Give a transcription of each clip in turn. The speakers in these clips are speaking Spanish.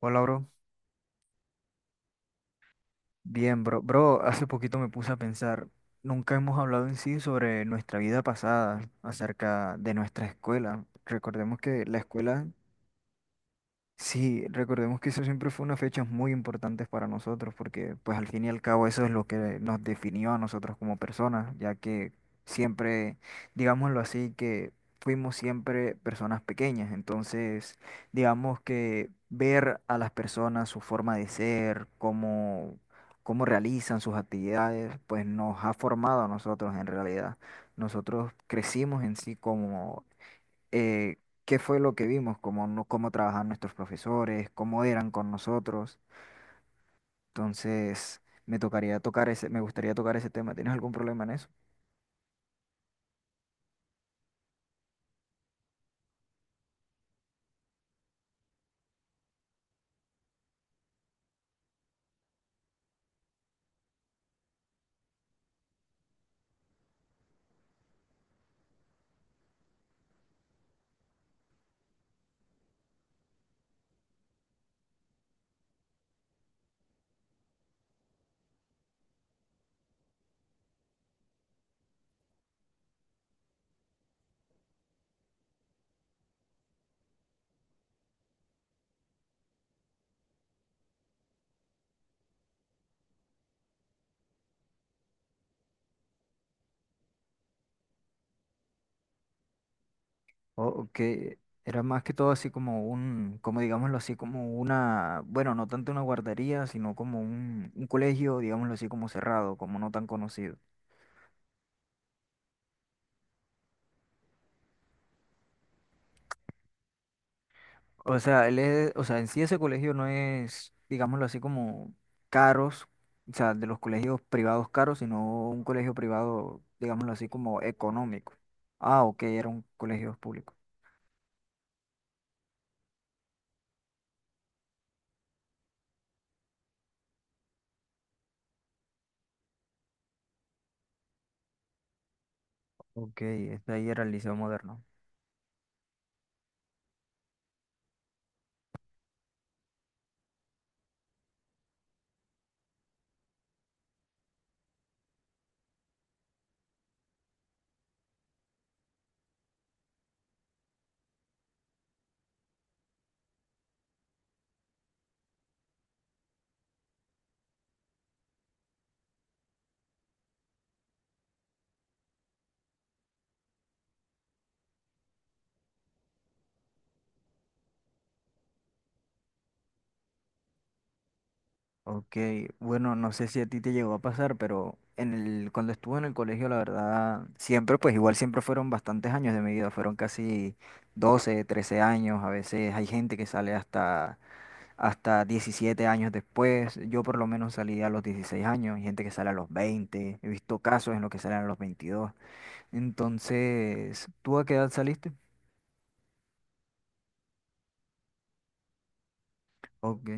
Hola, bro. Bien, bro. Bro, hace poquito me puse a pensar, nunca hemos hablado en sí sobre nuestra vida pasada, acerca de nuestra escuela. Recordemos que la escuela. Sí, recordemos que eso siempre fue una fecha muy importante para nosotros, porque pues al fin y al cabo eso es lo que nos definió a nosotros como personas, ya que siempre, digámoslo así, que fuimos siempre personas pequeñas, entonces digamos que ver a las personas su forma de ser, cómo realizan sus actividades, pues nos ha formado a nosotros en realidad. Nosotros crecimos en sí eh, qué fue lo que vimos, cómo, no- cómo trabajaban nuestros profesores, cómo eran con nosotros. Entonces, me gustaría tocar ese tema. ¿Tienes algún problema en eso? O que era más que todo así como un, como digámoslo así, como una, bueno, no tanto una guardería, sino como un, colegio, digámoslo así, como cerrado, como no tan conocido. O sea, o sea, en sí ese colegio no es, digámoslo así, como caros, o sea, de los colegios privados caros, sino un colegio privado, digámoslo así, como económico. Ah, ok, era un colegio público. Ok, ahí era el Liceo Moderno. Ok, bueno, no sé si a ti te llegó a pasar, pero cuando estuve en el colegio, la verdad, siempre, pues igual siempre fueron bastantes años de mi vida, fueron casi 12 13 años, a veces hay gente que sale hasta 17 años después. Yo por lo menos salí a los 16 años, hay gente que sale a los 20 he visto casos en los que salen a los 22. Entonces, ¿tú a qué edad saliste? Ok.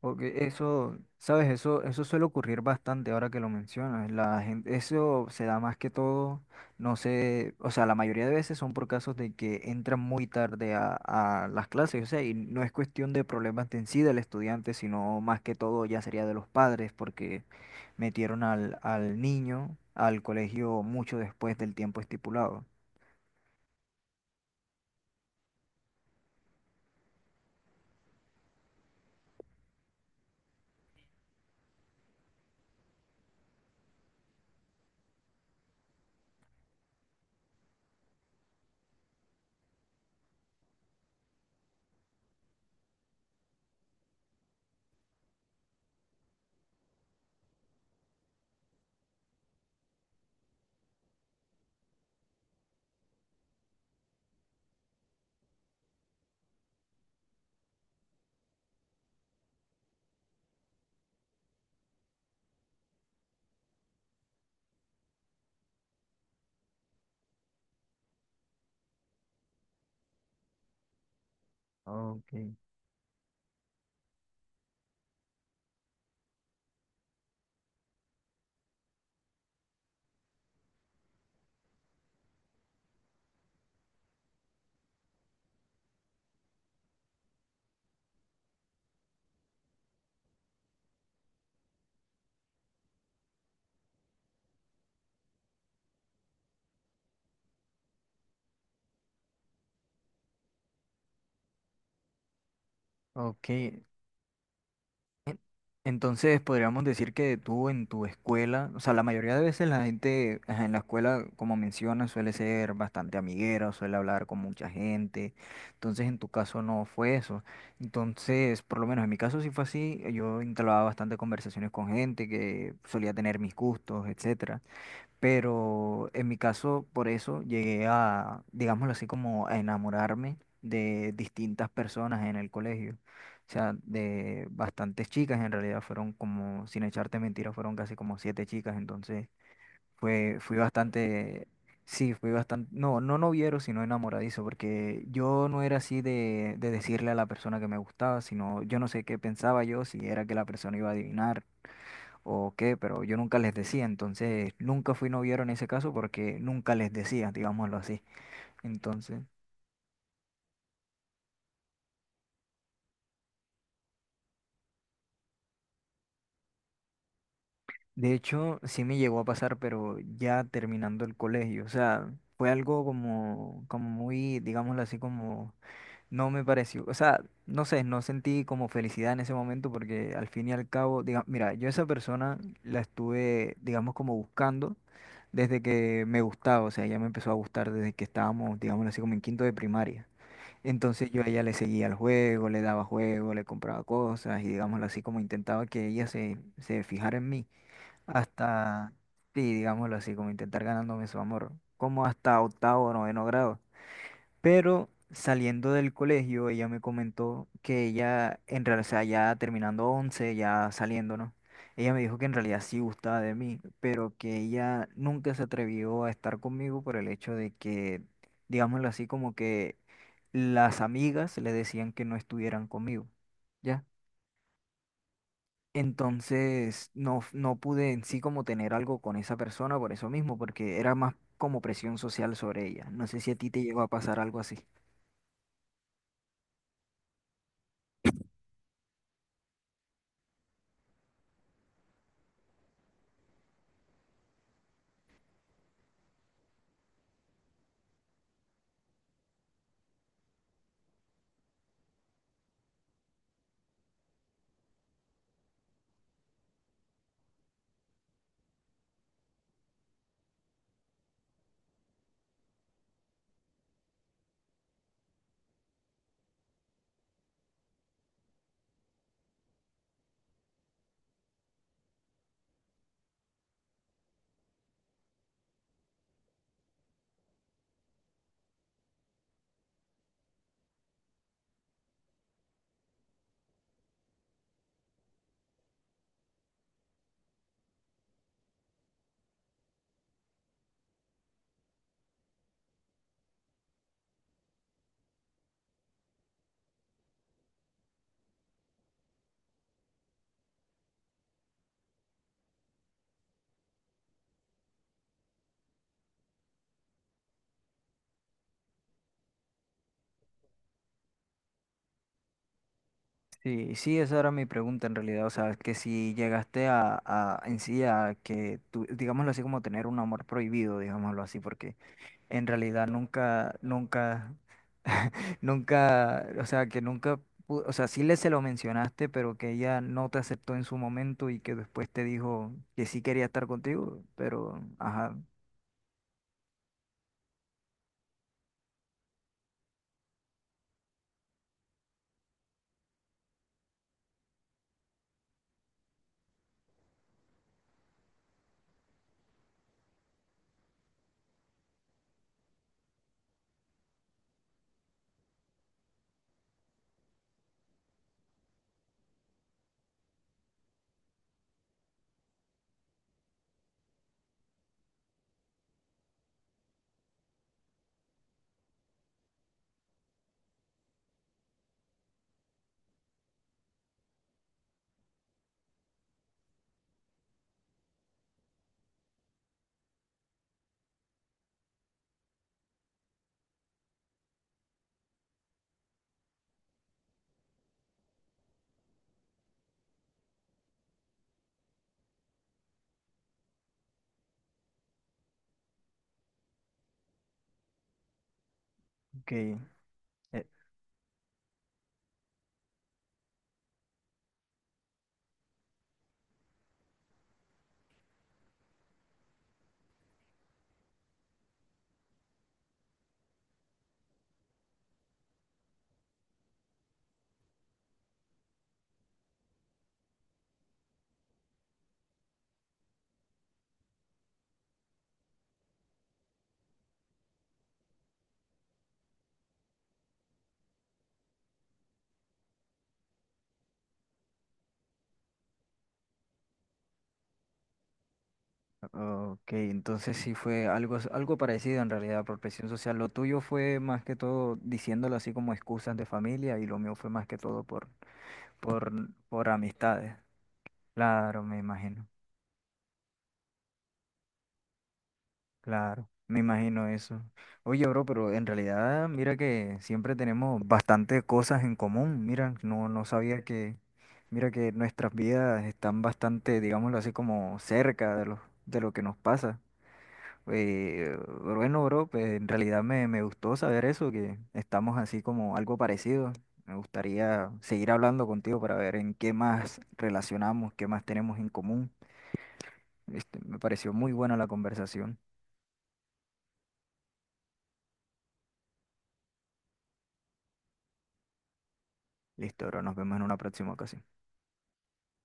Porque eso, sabes, eso suele ocurrir bastante ahora que lo mencionas. La gente, eso se da más que todo, no sé, o sea, la mayoría de veces son por casos de que entran muy tarde a, las clases, o sea, y no es cuestión de problemas de en sí del estudiante, sino más que todo ya sería de los padres, porque metieron al niño al colegio mucho después del tiempo estipulado. Ok, ok. En- Entonces podríamos decir que tú en tu escuela, o sea, la mayoría de veces la gente ajá, en la escuela, como mencionas, suele ser bastante amiguera, suele hablar con mucha gente. Entonces en tu caso no fue eso. Entonces, por lo menos en mi caso sí fue así. Yo entablaba bastante conversaciones con gente que solía tener mis gustos, etcétera. Pero en mi caso, por eso llegué a, digámoslo así, como a enamorarme de distintas personas en el colegio. O sea, de bastantes chicas, en realidad fueron como, sin echarte mentiras, fueron casi como siete chicas. Entonces, fui bastante, sí, fui bastante, no, no noviero, sino enamoradizo, porque yo no era así de decirle a la persona que me gustaba, sino yo no sé qué pensaba yo, si era que la persona iba a adivinar o qué, pero yo nunca les decía, entonces nunca fui noviero en ese caso porque nunca les decía, digámoslo así. Entonces, de hecho, sí me llegó a pasar, pero ya terminando el colegio, o sea, fue algo como muy, digámoslo así, como no me pareció, o sea, no sé, no sentí como felicidad en ese momento porque al fin y al cabo, diga, mira, yo a esa persona la estuve, digamos, como buscando desde que me gustaba, o sea, ella me empezó a gustar desde que estábamos, digámoslo así, como en quinto de primaria. Entonces yo a ella le seguía el juego, le daba juego, le compraba cosas y digámoslo así como intentaba que ella se fijara en mí hasta, sí, digámoslo así como intentar ganándome su amor, como hasta octavo o noveno grado. Pero saliendo del colegio, ella me comentó que ella, en realidad, o sea, ya terminando 11 ya saliendo, ¿no? Ella me dijo que en realidad sí gustaba de mí, pero que ella nunca se atrevió a estar conmigo por el hecho de que, digámoslo así, como que las amigas le decían que no estuvieran conmigo, ¿ya? Entonces no, no pude en sí como tener algo con esa persona por eso mismo, porque era más como presión social sobre ella. No sé si a ti te llegó a pasar algo así. Sí, sí, esa era mi pregunta en realidad. O sea, que si llegaste a, en sí a que tú, digámoslo así, como tener un amor prohibido, digámoslo así, porque en realidad nunca, nunca, o sea, que nunca, o sea, sí le se lo mencionaste, pero que ella no te aceptó en su momento y que después te dijo que sí quería estar contigo, pero, ajá, ok. Ok, entonces sí fue algo parecido en realidad por presión social. Lo tuyo fue más que todo diciéndolo así como excusas de familia y lo mío fue más que todo por, por, por amistades. Claro, me imagino, claro, me imagino eso. Oye, bro, pero en realidad mira que siempre tenemos bastante cosas en común. Mira, no sabía que, mira que nuestras vidas están bastante, digámoslo así, como cerca de lo que nos pasa. Eh, bueno, bro, pues en realidad me gustó saber eso, que estamos así como algo parecido. Me gustaría seguir hablando contigo para ver en qué más relacionamos, qué más tenemos en común. Me pareció muy buena la conversación. Listo, bro, nos vemos en una próxima ocasión.